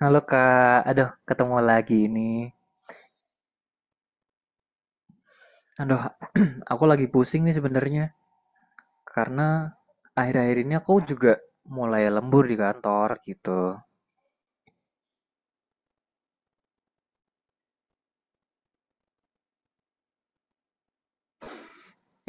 Halo Kak, aduh ketemu lagi ini. Aduh, aku lagi pusing nih sebenarnya karena akhir-akhir ini aku juga mulai lembur di kantor gitu.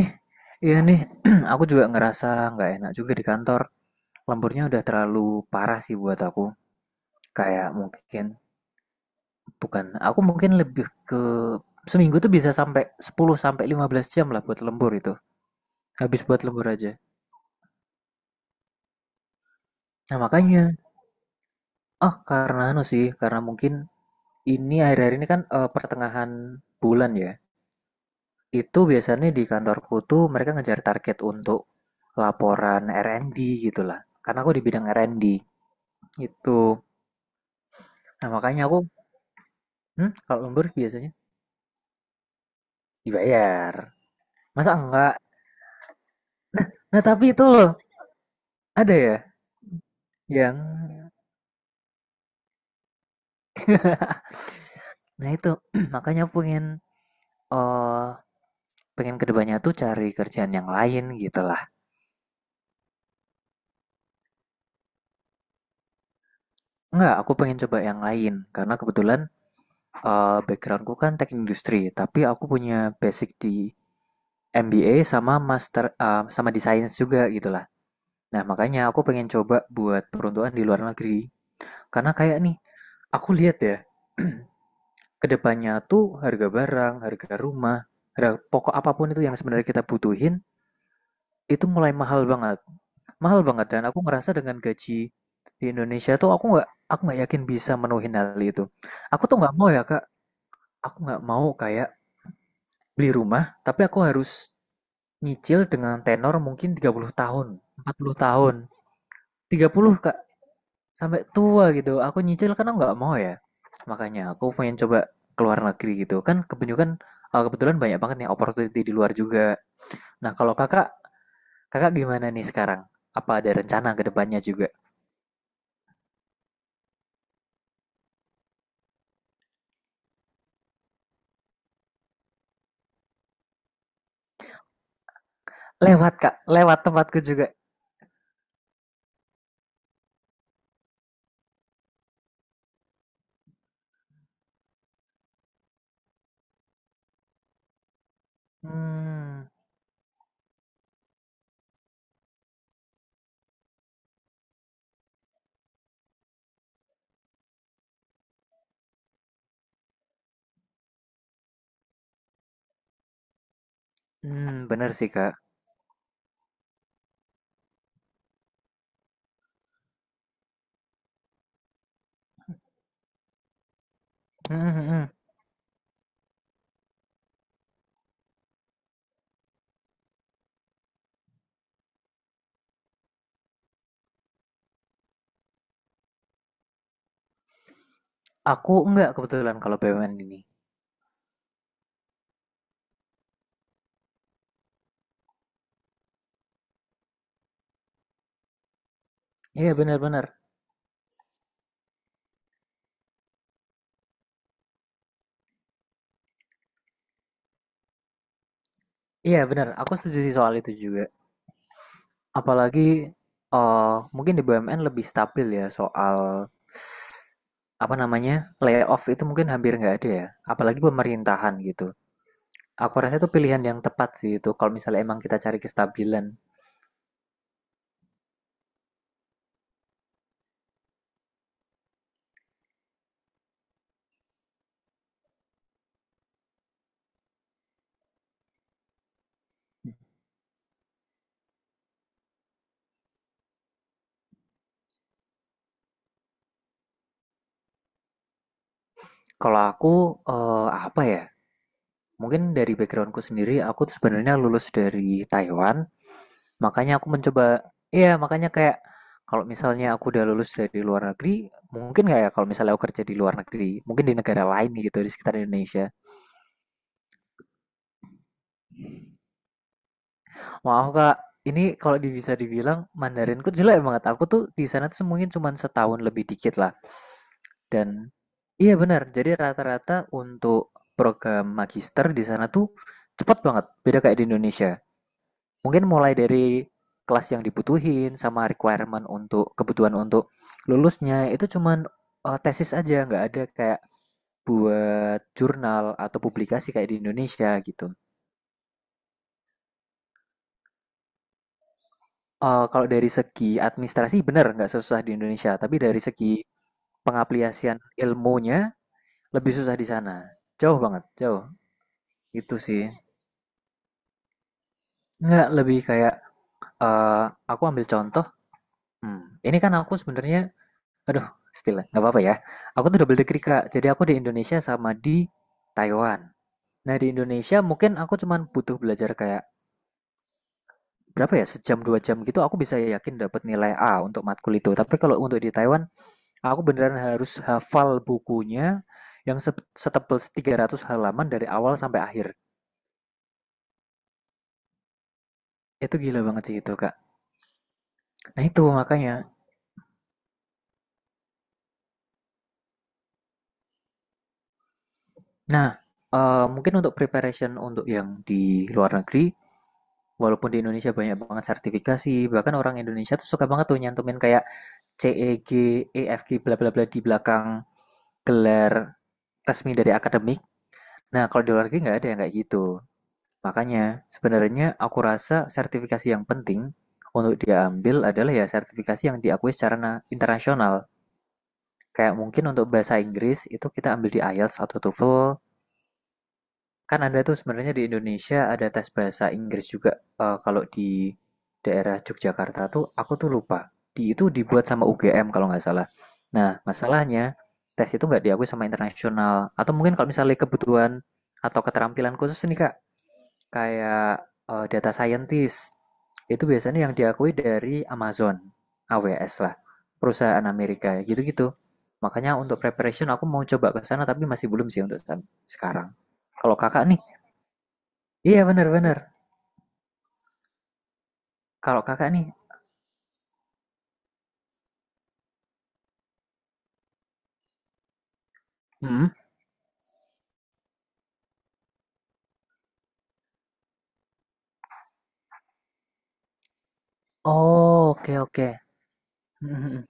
Eh, iya nih, aku juga ngerasa nggak enak juga di kantor. Lemburnya udah terlalu parah sih buat aku. Kayak mungkin bukan, aku mungkin lebih ke seminggu tuh bisa sampai 10 sampai 15 jam lah buat lembur itu. Habis buat lembur aja. Nah, makanya, oh karena anu sih, karena mungkin ini akhir-akhir ini kan pertengahan bulan ya. Itu biasanya di kantorku tuh mereka ngejar target untuk laporan R&D gitu lah. Karena aku di bidang R&D itu. Nah makanya aku, kalau lembur biasanya dibayar. Masa enggak? Nah tapi itu loh, ada ya yang, nah itu makanya aku pengen, eh pengen kedepannya tuh cari kerjaan yang lain gitu lah. Enggak, aku pengen coba yang lain karena kebetulan backgroundku kan teknik industri, tapi aku punya basic di MBA sama master sama di science juga gitulah. Nah, makanya aku pengen coba buat peruntukan di luar negeri. Karena kayak nih, aku lihat ya, kedepannya tuh harga barang, harga rumah, harga pokok apapun itu yang sebenarnya kita butuhin, itu mulai mahal banget. Mahal banget dan aku ngerasa dengan gaji di Indonesia tuh aku nggak yakin bisa menuhin hal itu. Aku tuh nggak mau ya Kak, aku nggak mau kayak beli rumah, tapi aku harus nyicil dengan tenor mungkin 30 tahun, 40 tahun, 30 Kak, sampai tua gitu. Aku nyicil karena nggak mau ya. Makanya aku pengen coba keluar negeri gitu. Kan kebanyakan kebetulan banyak banget nih opportunity di luar juga. Nah, kalau Kakak, Kakak gimana nih sekarang? Apa ada rencana ke depannya juga? Lewat Kak, lewat tempatku juga. Hmm, hmm bener sih Kak. Hmm, hmm, hmm. Aku enggak kebetulan kalau BUMN ini. Iya benar-benar. Iya benar, aku setuju sih soal itu juga. Apalagi mungkin di BUMN lebih stabil ya soal apa namanya layoff itu mungkin hampir nggak ada ya. Apalagi pemerintahan gitu. Aku rasa itu pilihan yang tepat sih itu kalau misalnya emang kita cari kestabilan. Kalau aku apa ya? Mungkin dari backgroundku sendiri, aku tuh sebenarnya lulus dari Taiwan. Makanya aku mencoba iya, makanya kayak kalau misalnya aku udah lulus dari luar negeri, mungkin nggak ya kalau misalnya aku kerja di luar negeri, mungkin di negara lain gitu di sekitar Indonesia. Maaf Kak, ini kalau bisa dibilang Mandarinku jelek banget. Aku tuh di sana tuh mungkin cuma setahun lebih dikit lah. Dan iya benar, jadi rata-rata untuk program magister di sana tuh cepat banget, beda kayak di Indonesia. Mungkin mulai dari kelas yang dibutuhin sama requirement untuk kebutuhan untuk lulusnya itu cuman, tesis aja, nggak ada kayak buat jurnal atau publikasi kayak di Indonesia gitu. Kalau dari segi administrasi bener nggak susah di Indonesia, tapi dari segi pengaplikasian ilmunya lebih susah di sana. Jauh banget, jauh, itu sih. Nggak, lebih kayak, eee, aku ambil contoh, ini kan aku sebenarnya aduh, spill ya, nggak apa-apa ya. Aku tuh double degree, Kak. Jadi aku di Indonesia sama di Taiwan. Nah, di Indonesia mungkin aku cuman butuh belajar kayak berapa ya, sejam dua jam gitu aku bisa yakin dapat nilai A untuk matkul itu. Tapi kalau untuk di Taiwan, aku beneran harus hafal bukunya yang setebal 300 halaman dari awal sampai akhir. Itu gila banget sih itu, Kak. Nah, itu makanya nah, mungkin untuk preparation untuk yang di luar negeri, walaupun di Indonesia banyak banget sertifikasi, bahkan orang Indonesia tuh suka banget tuh nyantumin kayak CEG, EFG, bla bla bla di belakang gelar resmi dari akademik. Nah, kalau di luar negeri nggak ada yang kayak gitu. Makanya sebenarnya aku rasa sertifikasi yang penting untuk diambil adalah ya sertifikasi yang diakui secara internasional. Kayak mungkin untuk bahasa Inggris itu kita ambil di IELTS atau TOEFL. Kan ada tuh sebenarnya di Indonesia ada tes bahasa Inggris juga. Kalau di daerah Yogyakarta tuh aku tuh lupa. Di itu dibuat sama UGM kalau nggak salah. Nah, masalahnya tes itu nggak diakui sama internasional. Atau mungkin kalau misalnya kebutuhan atau keterampilan khusus nih Kak, kayak data scientist. Itu biasanya yang diakui dari Amazon, AWS lah, perusahaan Amerika gitu-gitu. Makanya untuk preparation aku mau coba ke sana tapi masih belum sih untuk sekarang. Kalau kakak nih, iya bener-bener. Kalau kakak nih, hmm? Oh oke oke. Hmm, hmm,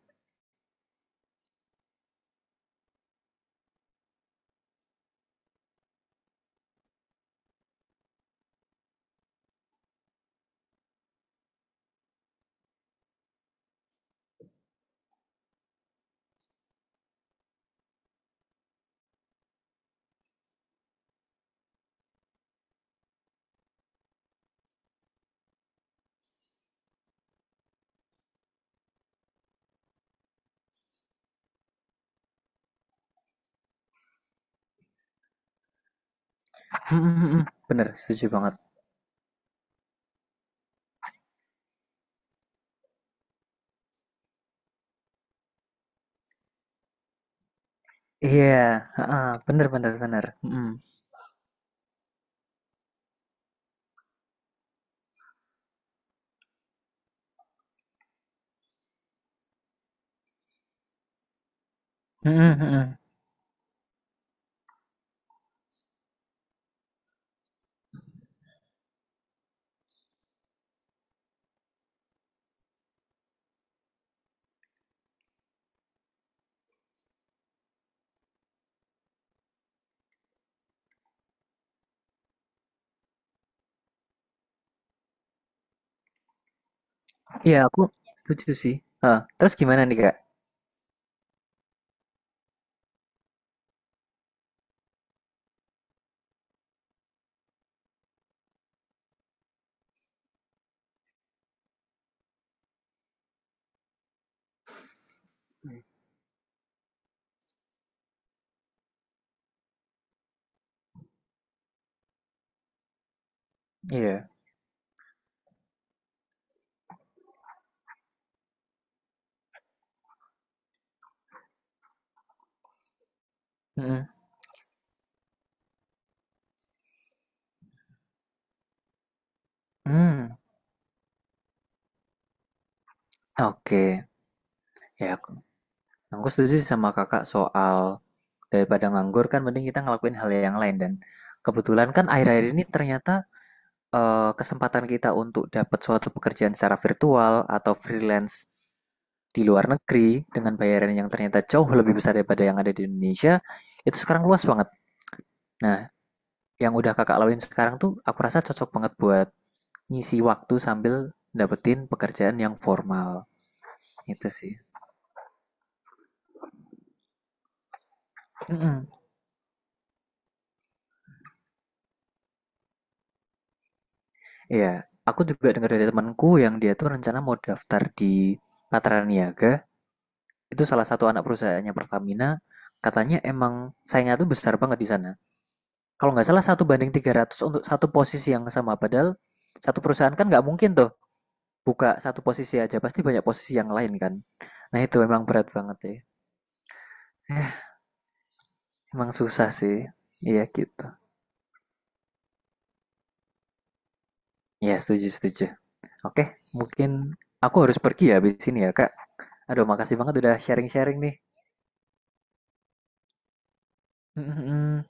hmm. Bener, setuju banget. Iya, heeh, bener bener bener. Hmm. Hmm, hmm, hmm, hmm. Iya aku setuju sih. Heeh, terus gimana nih kak? Iya. Hmm. Hmm. Oke. Ya aku setuju sih sama kakak soal daripada nganggur kan mending kita ngelakuin hal yang lain dan kebetulan kan akhir-akhir ini ternyata kesempatan kita untuk dapat suatu pekerjaan secara virtual atau freelance di luar negeri dengan bayaran yang ternyata jauh lebih besar daripada yang ada di Indonesia, itu sekarang luas banget. Nah, yang udah kakak lakuin sekarang tuh aku rasa cocok banget buat ngisi waktu sambil dapetin pekerjaan yang formal. Itu sih. Mm. Iya, aku juga dengar dari temanku yang dia tuh rencana mau daftar di Patraniaga. Niaga. Itu salah satu anak perusahaannya Pertamina. Katanya emang saingnya tuh besar banget di sana. Kalau nggak salah 1 banding 300 untuk satu posisi yang sama. Padahal satu perusahaan kan nggak mungkin tuh buka satu posisi aja pasti banyak posisi yang lain kan, nah itu emang berat banget ya, eh, emang susah sih, iya gitu, ya setuju setuju, oke mungkin aku harus pergi ya habis ini ya kak, aduh makasih banget udah sharing-sharing nih. Mm-mm.